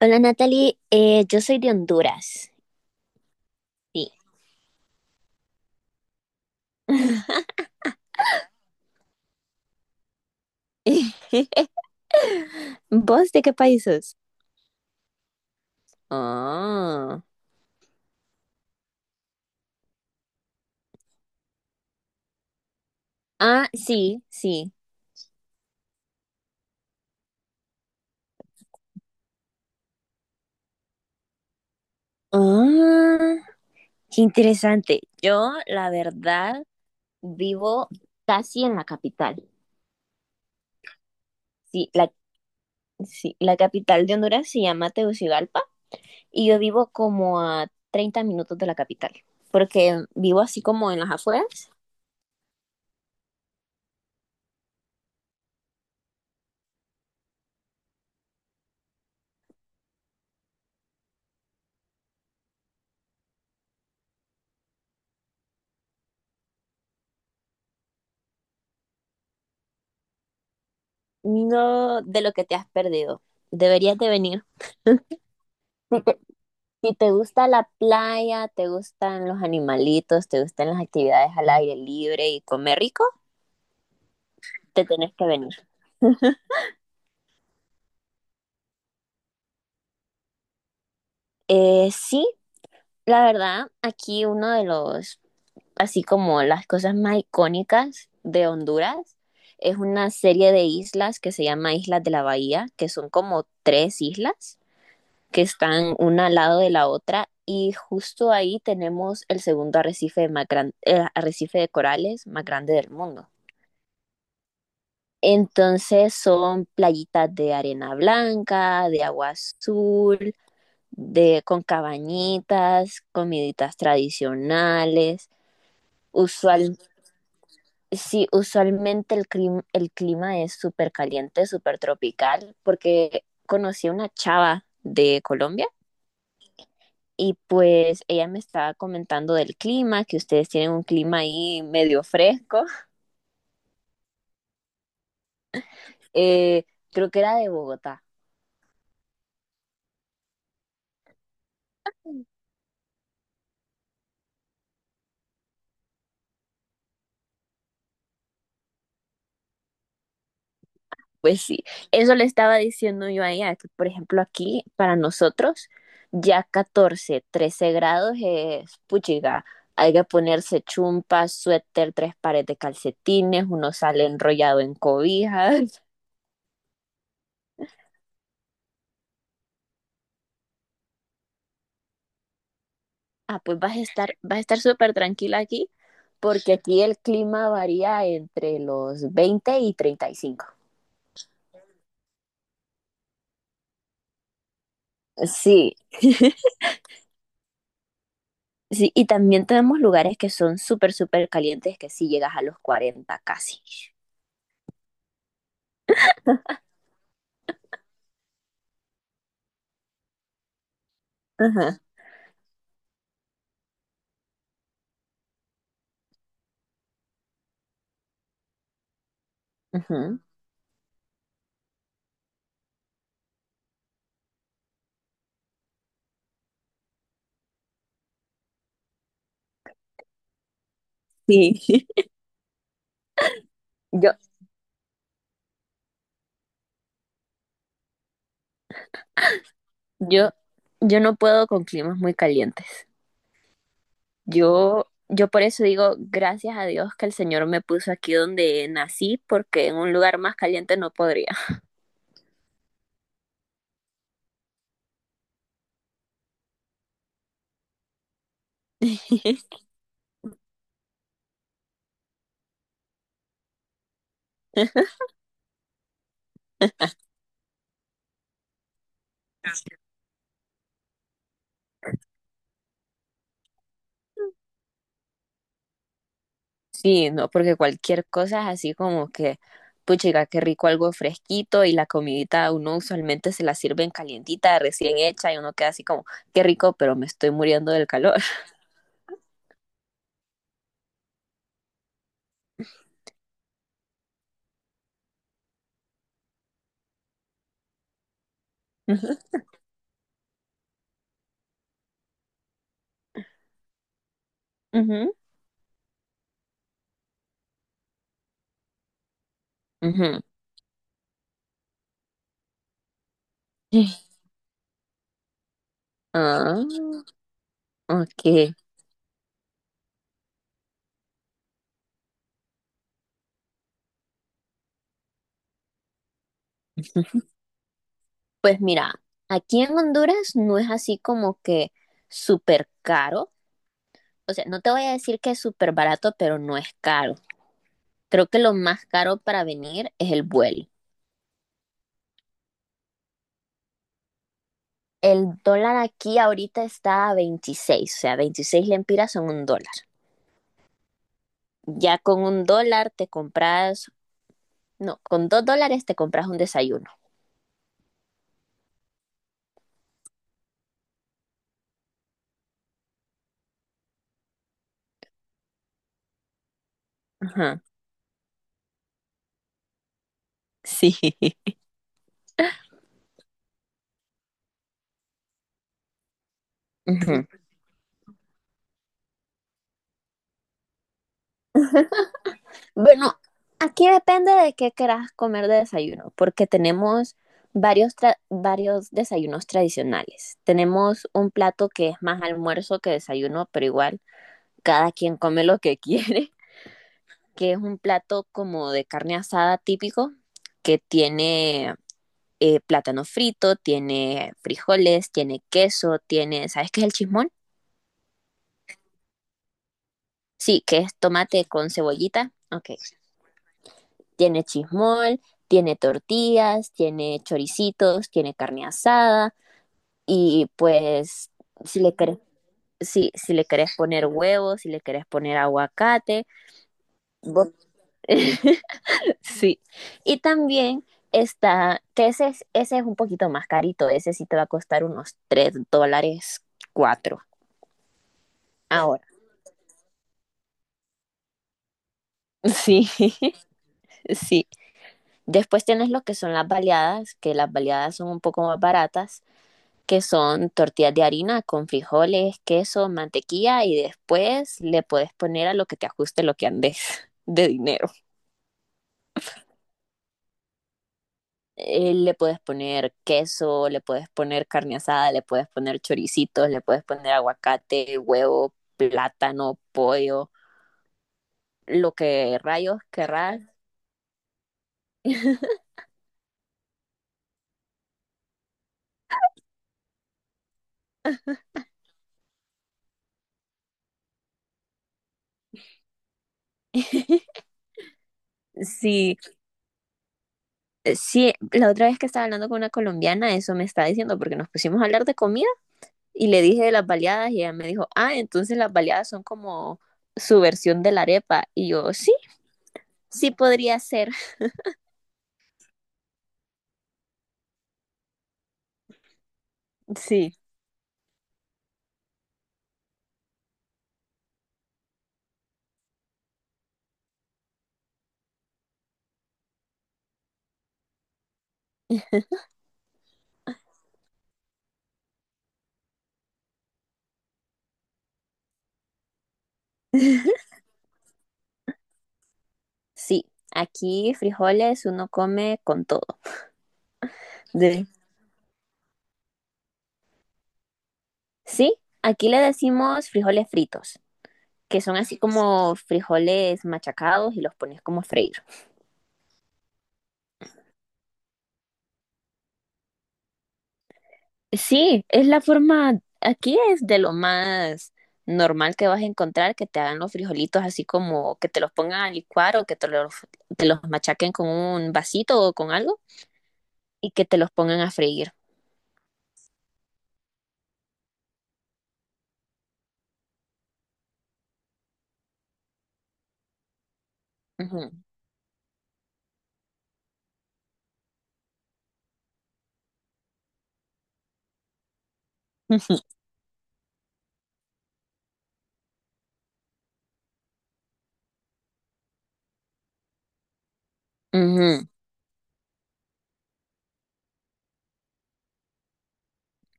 Hola, Natalie. Yo soy de Honduras. Sí. ¿Vos de qué país sos? Ah, ah, sí, sí. Ah, qué interesante. Yo, la verdad, vivo casi en la capital. Sí, la, sí, la capital de Honduras se llama Tegucigalpa y yo vivo como a 30 minutos de la capital, porque vivo así como en las afueras. No de lo que te has perdido. Deberías de venir. Si te gusta la playa, te gustan los animalitos, te gustan las actividades al aire libre y comer rico, te tenés que venir. Sí, la verdad, aquí así como las cosas más icónicas de Honduras, es una serie de islas que se llama Islas de la Bahía, que son como tres islas que están una al lado de la otra y justo ahí tenemos el segundo arrecife, arrecife de corales más grande del mundo. Entonces son playitas de arena blanca, de agua azul, de, con cabañitas, comiditas tradicionales. Usual, sí, usualmente el clima es súper caliente, súper tropical, porque conocí a una chava de Colombia y pues ella me estaba comentando del clima, que ustedes tienen un clima ahí medio fresco. Eh, Creo que era de Bogotá. Pues sí, eso le estaba diciendo yo a ella, que por ejemplo aquí para nosotros ya 14, 13 grados es puchiga. Hay que ponerse chumpas, suéter, tres pares de calcetines, uno sale enrollado en cobijas. Ah, pues vas a estar súper tranquila aquí, porque aquí el clima varía entre los 20 y 35. Sí, sí, y también tenemos lugares que son súper, súper calientes, que sí llegas a los 40 casi. Ajá, ujú. Sí, yo, yo, yo no puedo con climas muy calientes. Yo por eso digo, gracias a Dios que el Señor me puso aquí donde nací, porque en un lugar más caliente no podría. Sí, no, porque cualquier cosa es así como que, puchiga, qué rico algo fresquito y la comidita uno usualmente se la sirven calientita, recién hecha y uno queda así como, qué rico, pero me estoy muriendo del calor. Ujú, ujú. Ah, ok. Pues mira, aquí en Honduras no es así como que súper caro. O sea, no te voy a decir que es súper barato, pero no es caro. Creo que lo más caro para venir es el vuelo. El dólar aquí ahorita está a 26, o sea, 26 lempiras son $1. Ya con $1 te compras, no, con $2 te compras un desayuno. Ajá, sí. Ujú. Bueno, aquí depende de qué querás comer de desayuno, porque tenemos varios desayunos tradicionales. Tenemos un plato que es más almuerzo que desayuno, pero igual cada quien come lo que quiere, que es un plato como de carne asada típico, que tiene plátano frito, tiene frijoles, tiene queso, ¿sabes qué es el chismón? Sí, que es tomate con cebollita. Ok, tiene chismol, tiene tortillas, tiene choricitos, tiene carne asada y pues si le querés, si le querés poner huevos, si le querés poner aguacate, vos- sí. Y también está, que ese es un poquito más carito, ese sí te va a costar unos $3 4 ahora. Sí, sí. Después tienes lo que son las baleadas, que las baleadas son un poco más baratas que son tortillas de harina con frijoles, queso, mantequilla y después le puedes poner a lo que te ajuste lo que andes de dinero. Le puedes poner queso, le puedes poner carne asada, le puedes poner choricitos, le puedes poner aguacate, huevo, plátano, pollo, lo que rayos querrás. Sí, sí, la otra vez que estaba hablando con una colombiana, eso me está diciendo, porque nos pusimos a hablar de comida. Y le dije de las baleadas y ella me dijo, ah, entonces las baleadas son como su versión de la arepa. Y yo, sí, sí podría ser. Sí, sí, aquí frijoles uno come con todo. De- Sí, aquí le decimos frijoles fritos, que son así como frijoles machacados y los pones como freídos. Sí, es la forma, aquí es de lo más normal que vas a encontrar que te hagan los frijolitos así como que te los pongan a licuar o que te los machaquen con un vasito o con algo y que te los pongan a freír. Ujú, ujú, ujú.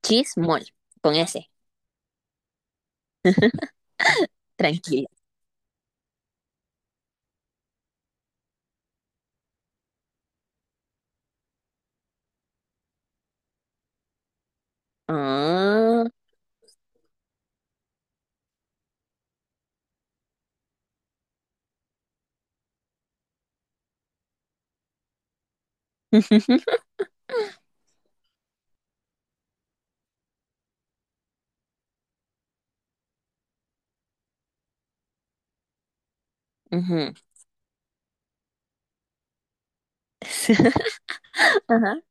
Chismol, con ese, tranquila. Ah, ujú. Ajá,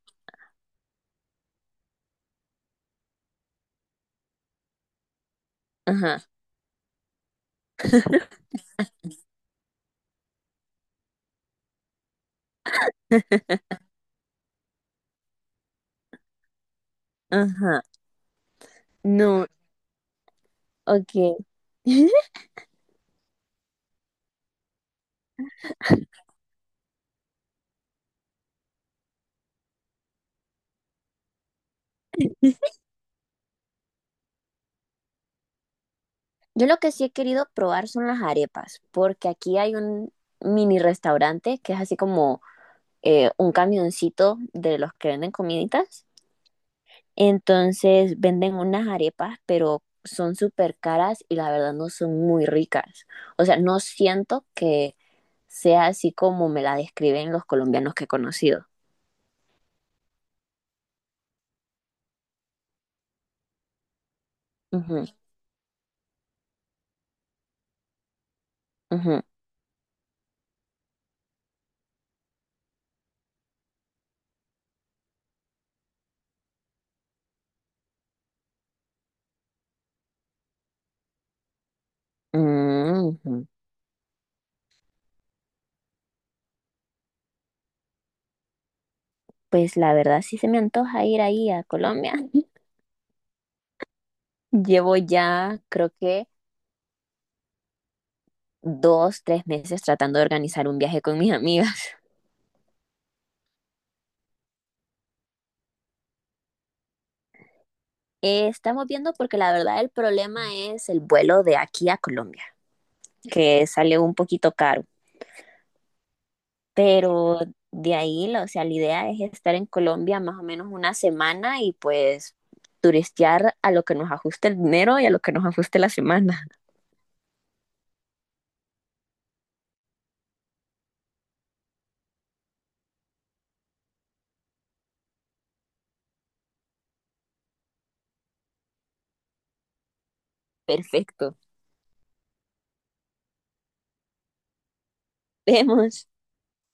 ajá, ajá. No, ok. Yo lo que sí he querido probar son las arepas, porque aquí hay un mini restaurante que es así como un camioncito de los que venden comiditas. Entonces venden unas arepas, pero son súper caras y la verdad no son muy ricas. O sea, no siento que sea así como me la describen los colombianos que he conocido. Ujú, ujú, mm, ujú. Pues la verdad sí se me antoja ir ahí a Colombia. Llevo ya, creo que 2, 3 meses tratando de organizar un viaje con mis amigas. Estamos viendo porque la verdad el problema es el vuelo de aquí a Colombia, que sale un poquito caro, pero de ahí, o sea, la idea es estar en Colombia más o menos una semana y pues turistear a lo que nos ajuste el dinero y a lo que nos ajuste la semana. Perfecto. Vemos.